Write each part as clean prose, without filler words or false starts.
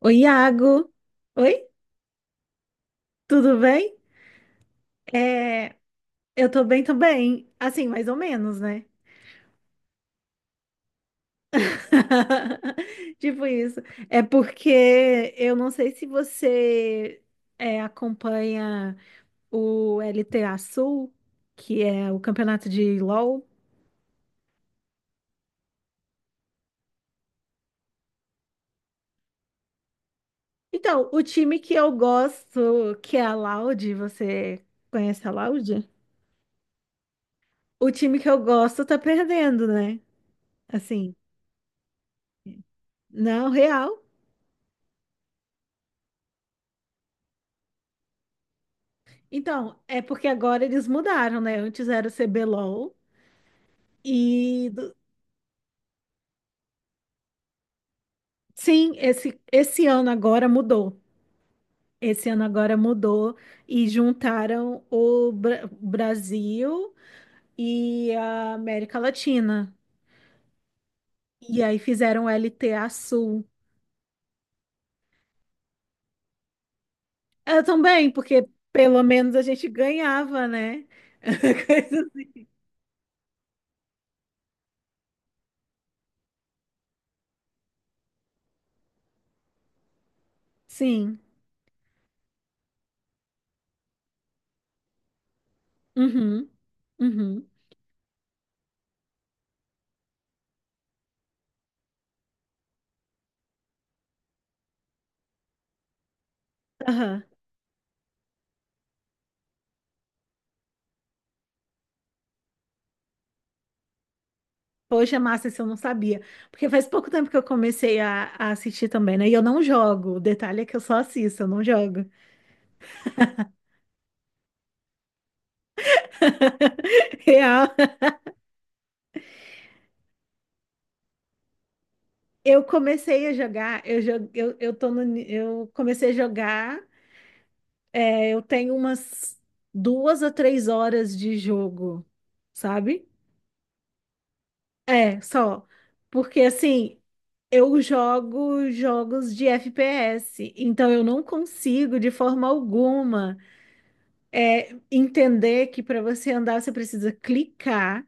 Oi, Iago. Oi, tudo bem? É, eu tô bem também. Assim, mais ou menos, né? Tipo isso. É porque eu não sei se você acompanha o LTA Sul, que é o campeonato de LoL. Então, o time que eu gosto, que é a Loud, você conhece a Loud? O time que eu gosto tá perdendo, né? Assim, não, real. Então, é porque agora eles mudaram, né? Antes era o CBLOL e do- sim, esse ano agora mudou. Esse ano agora mudou e juntaram o Brasil e a América Latina. E aí fizeram LTA Sul. Eu também, porque pelo menos a gente ganhava, né? Coisa. Sim. Uhum, uhum, aham. Poxa, massa, isso eu não sabia. Porque faz pouco tempo que eu comecei a assistir também, né? E eu não jogo. O detalhe é que eu só assisto, eu não jogo. Real. Eu comecei a jogar, eu, jo- eu, tô no ni- eu comecei a jogar, eu tenho umas 2 a 3 horas de jogo, sabe? É, só. Porque assim, eu jogo jogos de FPS, então eu não consigo de forma alguma. É, entender que para você andar você precisa clicar.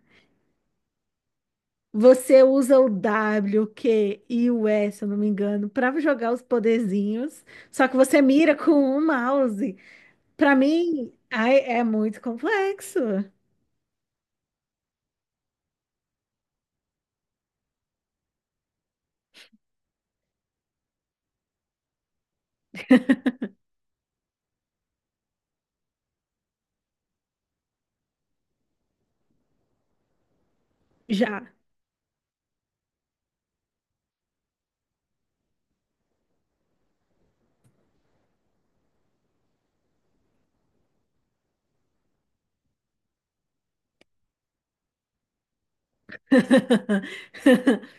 Você usa o W, o Q e o S, se eu não me engano, para jogar os poderzinhos. Só que você mira com o mouse. Para mim, ai, é muito complexo. Já.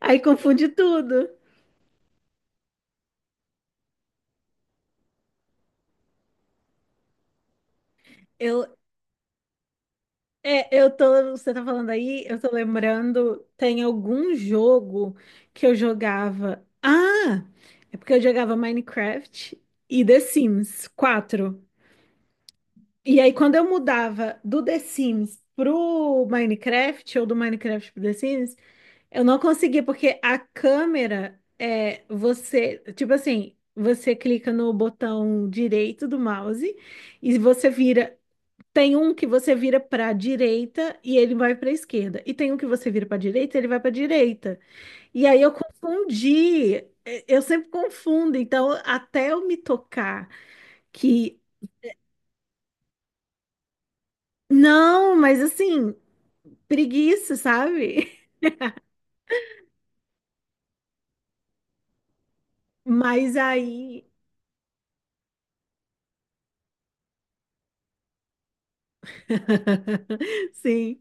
Aí confunde tudo. Eu, É, eu tô, você tá falando aí, eu tô lembrando, tem algum jogo que eu jogava. Ah, é porque eu jogava Minecraft e The Sims 4. E aí quando eu mudava do The Sims pro Minecraft ou do Minecraft pro The Sims, eu não conseguia porque a câmera é você, tipo assim, você clica no botão direito do mouse e você vira, tem um que você vira para a direita e ele vai para a esquerda. E tem um que você vira para a direita e ele vai para a direita. E aí eu confundi. Eu sempre confundo. Então, até eu me tocar que não, mas assim, preguiça, sabe? Mas aí, sim.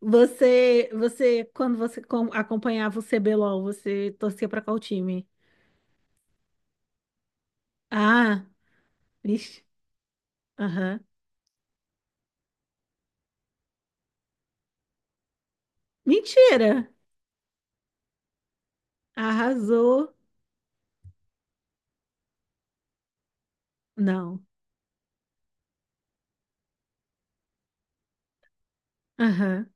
Você, quando você acompanhava o CBLOL, você torcia para qual time? Ah, vixe. Aham. Mentira. Arrasou. Não. Aham.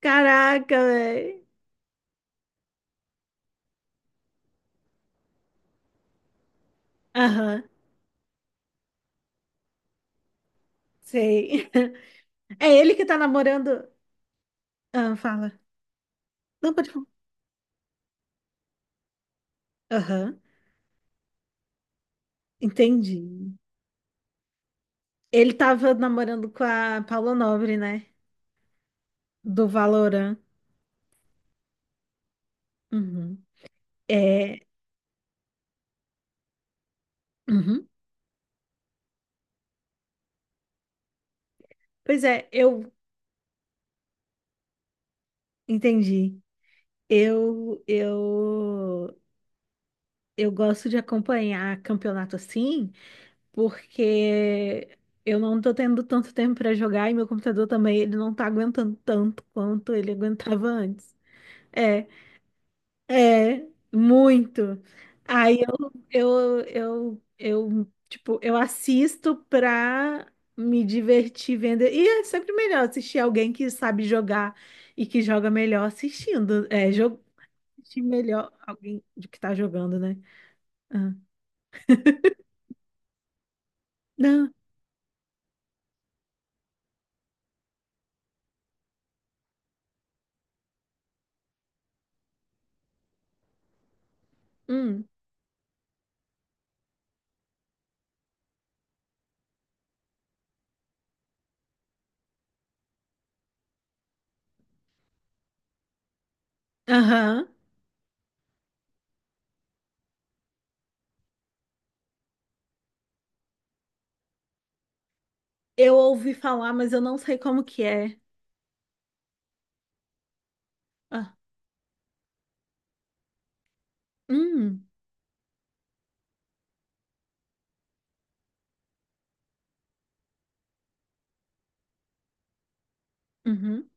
Caraca, velho. Aham, sei. É ele que tá namorando. Ah, fala. Não, pode falar. Aham, entendi. Ele tava namorando com a Paula Nobre, né? Do Valorant. Uhum. É. Uhum. Pois é, eu entendi. Eu, eu, eu gosto de acompanhar campeonato assim, porque eu não tô tendo tanto tempo para jogar e meu computador também, ele não tá aguentando tanto quanto ele aguentava antes. É, é, muito. Aí eu, tipo, eu assisto pra me divertir vendo. E é sempre melhor assistir alguém que sabe jogar e que joga melhor assistindo. É, jogo, assistir melhor alguém de que tá jogando, né? Ah. Não. Hum. Aham. Eu ouvi falar, mas eu não sei como que é. Ah, hum, uhum.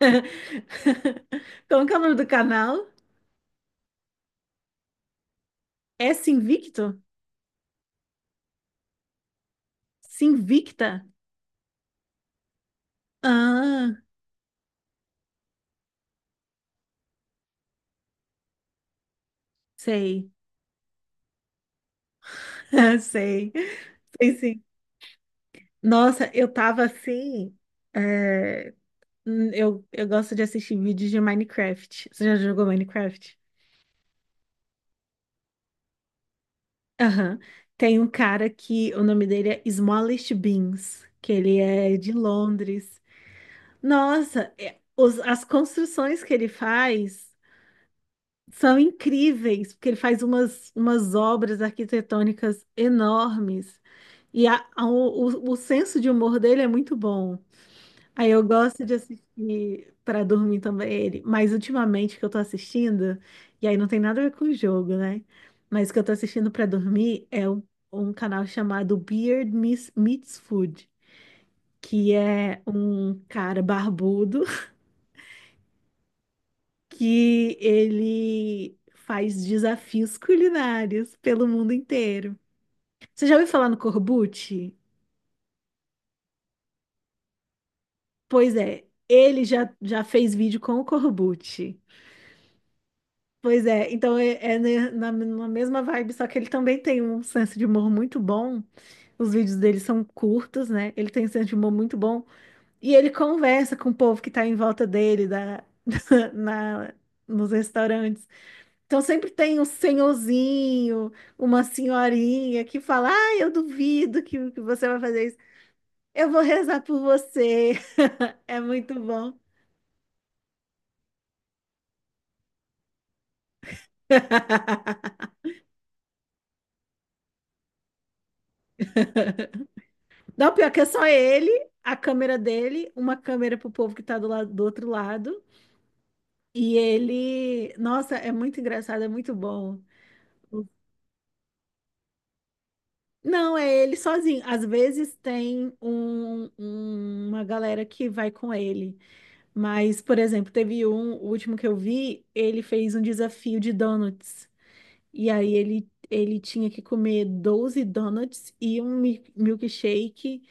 Como que é o nome do canal? É Sinvicto? Sinvicta? Ah, sei. Sei. Sei, sim. Nossa, eu tava assim. é, eu gosto de assistir vídeos de Minecraft. Você já jogou Minecraft? Aham. Tem um cara que o nome dele é Smallest Beans, que ele é de Londres. Nossa, as construções que ele faz são incríveis, porque ele faz umas, umas obras arquitetônicas enormes. E o senso de humor dele é muito bom. Aí eu gosto de assistir para dormir também ele. Mas ultimamente que eu tô assistindo, e aí não tem nada a ver com o jogo, né? Mas o que eu tô assistindo para dormir é um, um canal chamado Meets Food, que é um cara barbudo que ele faz desafios culinários pelo mundo inteiro. Você já ouviu falar no Corbucci? Pois é, ele já, já fez vídeo com o Corbucci. Pois é, então é na, na mesma vibe, só que ele também tem um senso de humor muito bom. Os vídeos dele são curtos, né? Ele tem um senso de humor muito bom. E ele conversa com o povo que tá em volta dele, da, na, nos restaurantes. Então sempre tem um senhorzinho, uma senhorinha que fala: Ah, eu duvido que você vai fazer isso. Eu vou rezar por você. É muito bom. Não, pior que é só ele, a câmera dele, uma câmera pro povo que tá do lado do outro lado. E ele, nossa, é muito engraçado, é muito bom. Não, é ele sozinho. Às vezes tem uma galera que vai com ele. Mas, por exemplo, teve um, o último que eu vi, ele fez um desafio de donuts. E aí ele tinha que comer 12 donuts e um milkshake.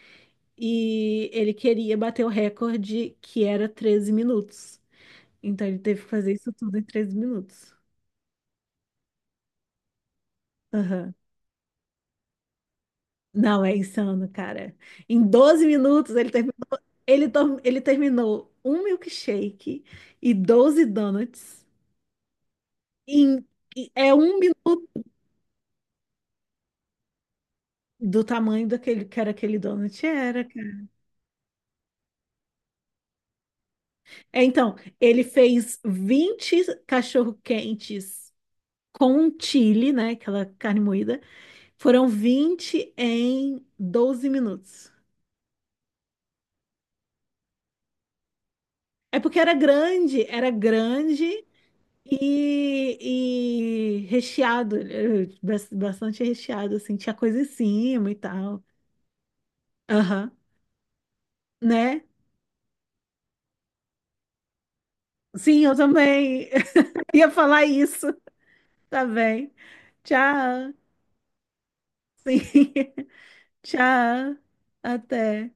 E ele queria bater o recorde, que era 13 minutos. Então ele teve que fazer isso tudo em 13 minutos. Aham. Não, é insano, cara. Em 12 minutos ele terminou, ele terminou um milkshake e 12 donuts. Em, é um minuto. Do tamanho daquele que era aquele donut era, cara. É, então, ele fez 20 cachorro-quentes com chili, né? Aquela carne moída. Foram 20 em 12 minutos. É porque era grande e recheado, bastante recheado, assim, tinha coisa em cima e tal. Aham, né? Sim, eu também ia falar isso, tá bem. Tchau. Sim. Tchau, até.